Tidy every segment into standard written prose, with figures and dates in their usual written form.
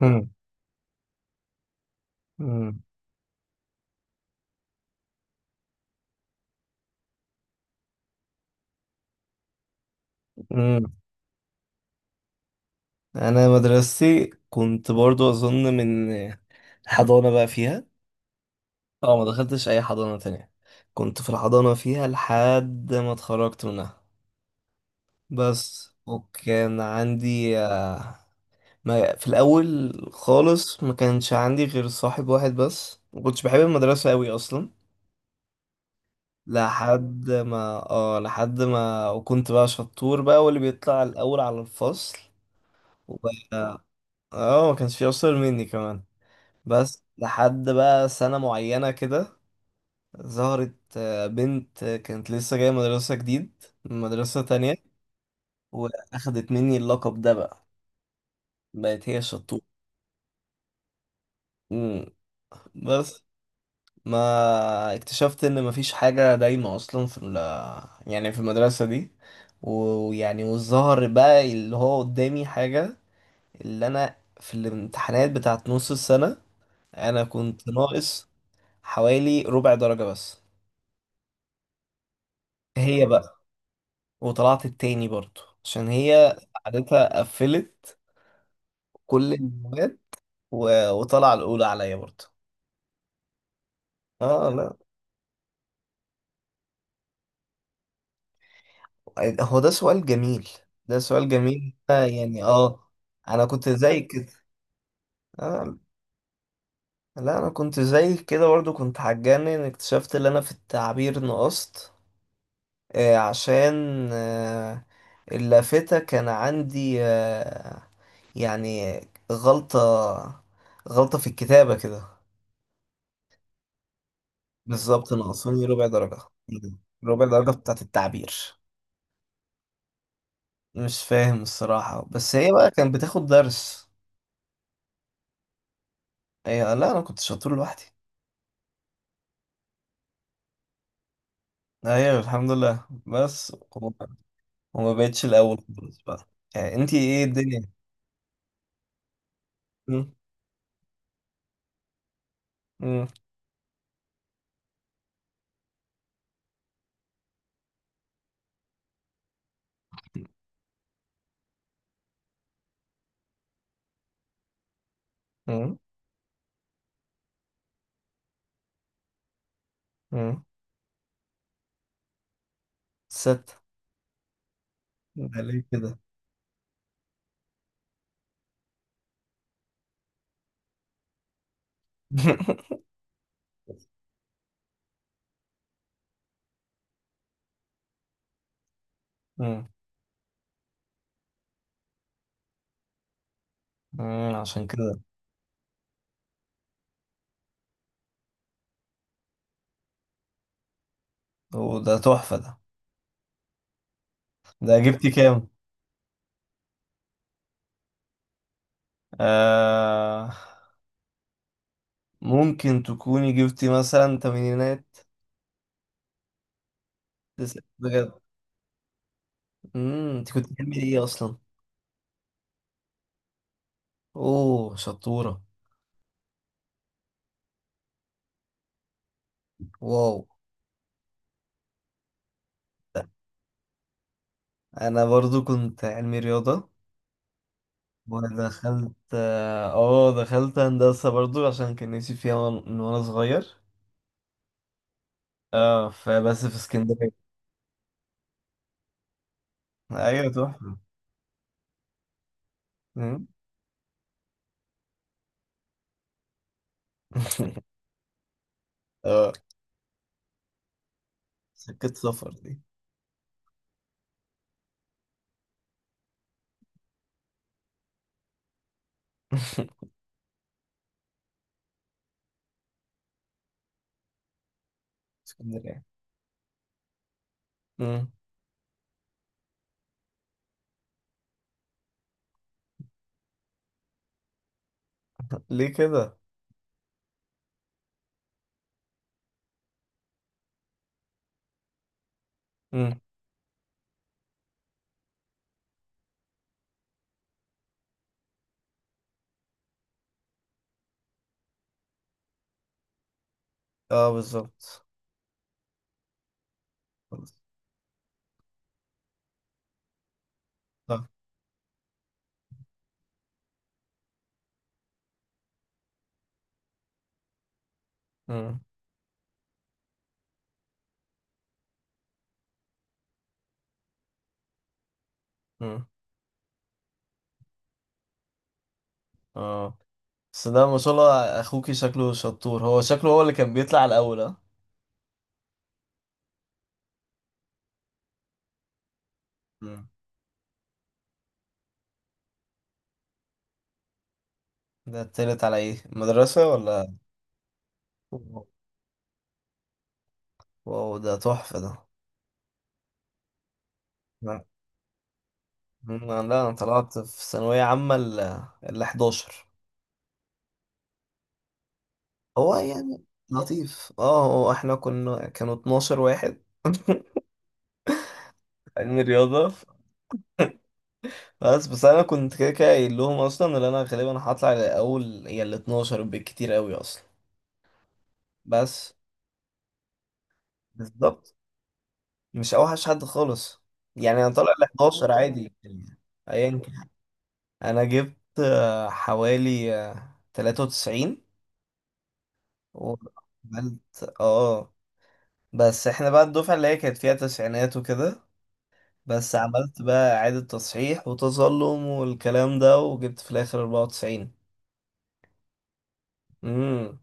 مم. مم. مم. انا مدرستي كنت برضو اظن من حضانة بقى فيها. اه، ما دخلتش اي حضانة تانية. كنت في الحضانة فيها لحد ما اتخرجت منها بس. وكان عندي ما في الاول خالص، ما كانش عندي غير صاحب واحد بس. ما كنتش بحب المدرسة قوي اصلا. لحد ما، وكنت بقى شطور بقى واللي بيطلع الاول على الفصل. وبقى ما كانش في اشطر مني كمان. بس لحد بقى سنة معينة كده ظهرت بنت كانت لسه جاية مدرسة جديد من مدرسة تانية، وأخدت مني اللقب ده بقى، بقت هي الشطور. مم. بس ما اكتشفت إن مفيش حاجة دايمة أصلا في يعني في المدرسة دي. ويعني، والظهر بقى اللي هو قدامي حاجة، اللي أنا في الامتحانات بتاعت نص السنة أنا كنت ناقص حوالي ربع درجة بس. هي بقى، وطلعت التاني برضو عشان هي قعدتها قفلت كل المواد. و... وطلع الأولى عليا برضو. اه لا، هو ده سؤال جميل، ده سؤال جميل، يعني، اه انا كنت زي كده. آه لا، انا كنت زي كده برضو، كنت هتجنن ان اكتشفت ان انا في التعبير نقصت. عشان آه اللافتة كان عندي، يعني غلطة غلطة في الكتابة كده. بالظبط ناقصاني ربع درجة، ربع درجة بتاعت التعبير. مش فاهم الصراحة، بس هي بقى كانت بتاخد درس. لا، أنا كنت شاطر لوحدي. أيوة، الحمد لله بس. وما بقتش الأول خالص بقى. يعني أنتي إيه الدنيا؟ م- م- م- م. ست. ده ليه كده؟ م- عشان كده. وده تحفة ده. ده جبتي كام؟ آه، ممكن تكوني جبتي مثلا تمانينات. بجد. انت كنت بتعمل ايه اصلا؟ اوه، شطورة. واو. انا برضو كنت علمي رياضة، ودخلت اه دخلت هندسة برضو عشان كان نفسي فيها، من وانا صغير. اه، فبس في اسكندرية. ايوه، تحفة. أمم. اه، سكة سفر دي. اسكندرية. أمم. ليه كده؟ أمم. اه، بالظبط. صح. أمم. أمم. اه، بس ده ما شاء الله اخوكي شكله شطور، هو شكله هو اللي كان بيطلع الاول، ها؟ مم. ده طلعت على ايه، مدرسة ولا؟ واو. واو، ده تحفة ده. لا، مم، لا، انا طلعت في ثانوية عامة ال 11. هو يعني لطيف، هو احنا كنا كانوا 12 واحد علم رياضة. بس انا كنت كده كده قايل لهم اصلا ان انا غالبا هطلع الاول يا ال 12 بالكتير قوي اصلا. بس بالظبط، مش اوحش حد خالص، يعني انا طالع ال 11 عادي. يعني، ايا، انا جبت حوالي 93 وعملت. اه بس احنا بقى الدفعة اللي هي كانت فيها تسعينات وكده. بس عملت بقى اعادة تصحيح وتظلم والكلام ده وجبت في الاخر 94. امم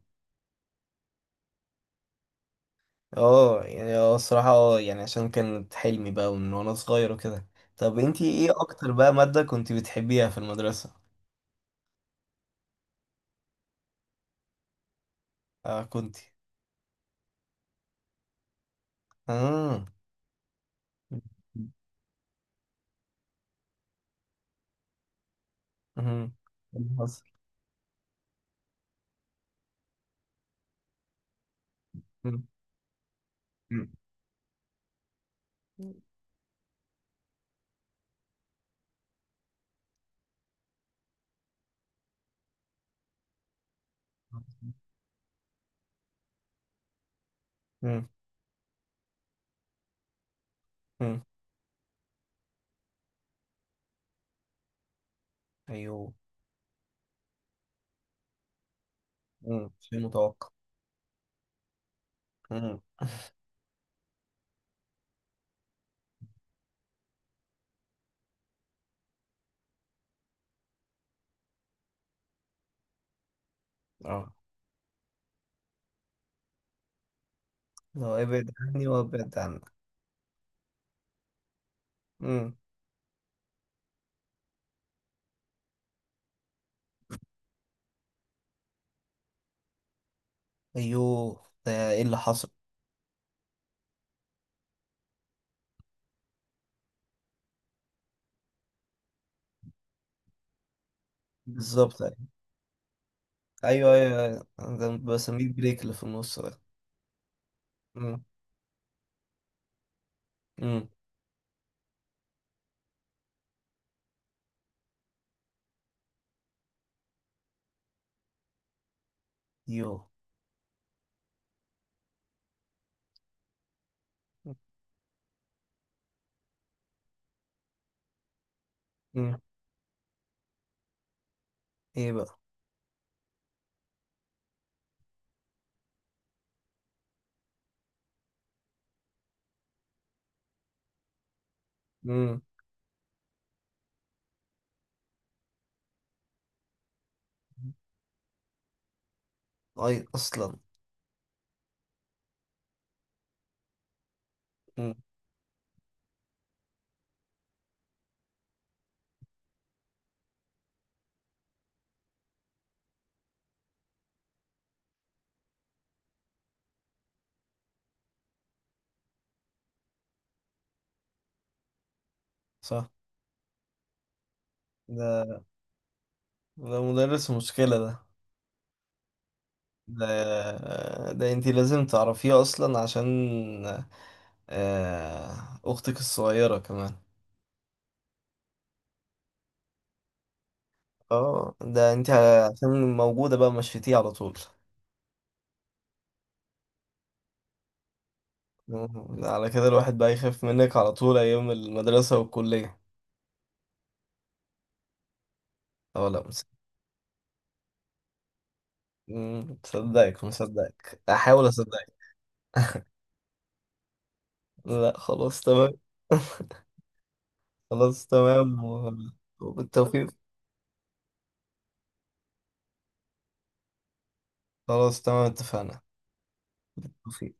اه يعني، الصراحة، يعني عشان كانت حلمي بقى من وانا صغير وكده. طب انتي ايه اكتر بقى مادة كنتي بتحبيها في المدرسة؟ اه، كنتي. اه، امم. اللي حصل؟ مم. مم. مم. ايوه. امم، شيء متوقع. امم. اه، لو ابعد عني وابعد عنك. امم. ايوه، ده ايه اللي حصل؟ بالظبط. ايوه، ايوه، ايوه. ده بسميه البريك اللي في النص ده. امم. امم. ايوه. امم. ايه بقى؟ امم. اي، اصلا. امم. صح. ده ده مدرس مشكلة ده. ده ده انتي لازم تعرفيه اصلا عشان اختك الصغيرة كمان. اه، ده انت عشان موجودة بقى مشيتيه على طول. مم. على كده الواحد بقى يخاف منك على طول ايام المدرسة والكلية. اه، لا، مصدقك مصدقك، احاول اصدقك. لا، خلاص تمام. خلاص تمام. وبالتوفيق. خلاص تمام، اتفقنا. بالتوفيق.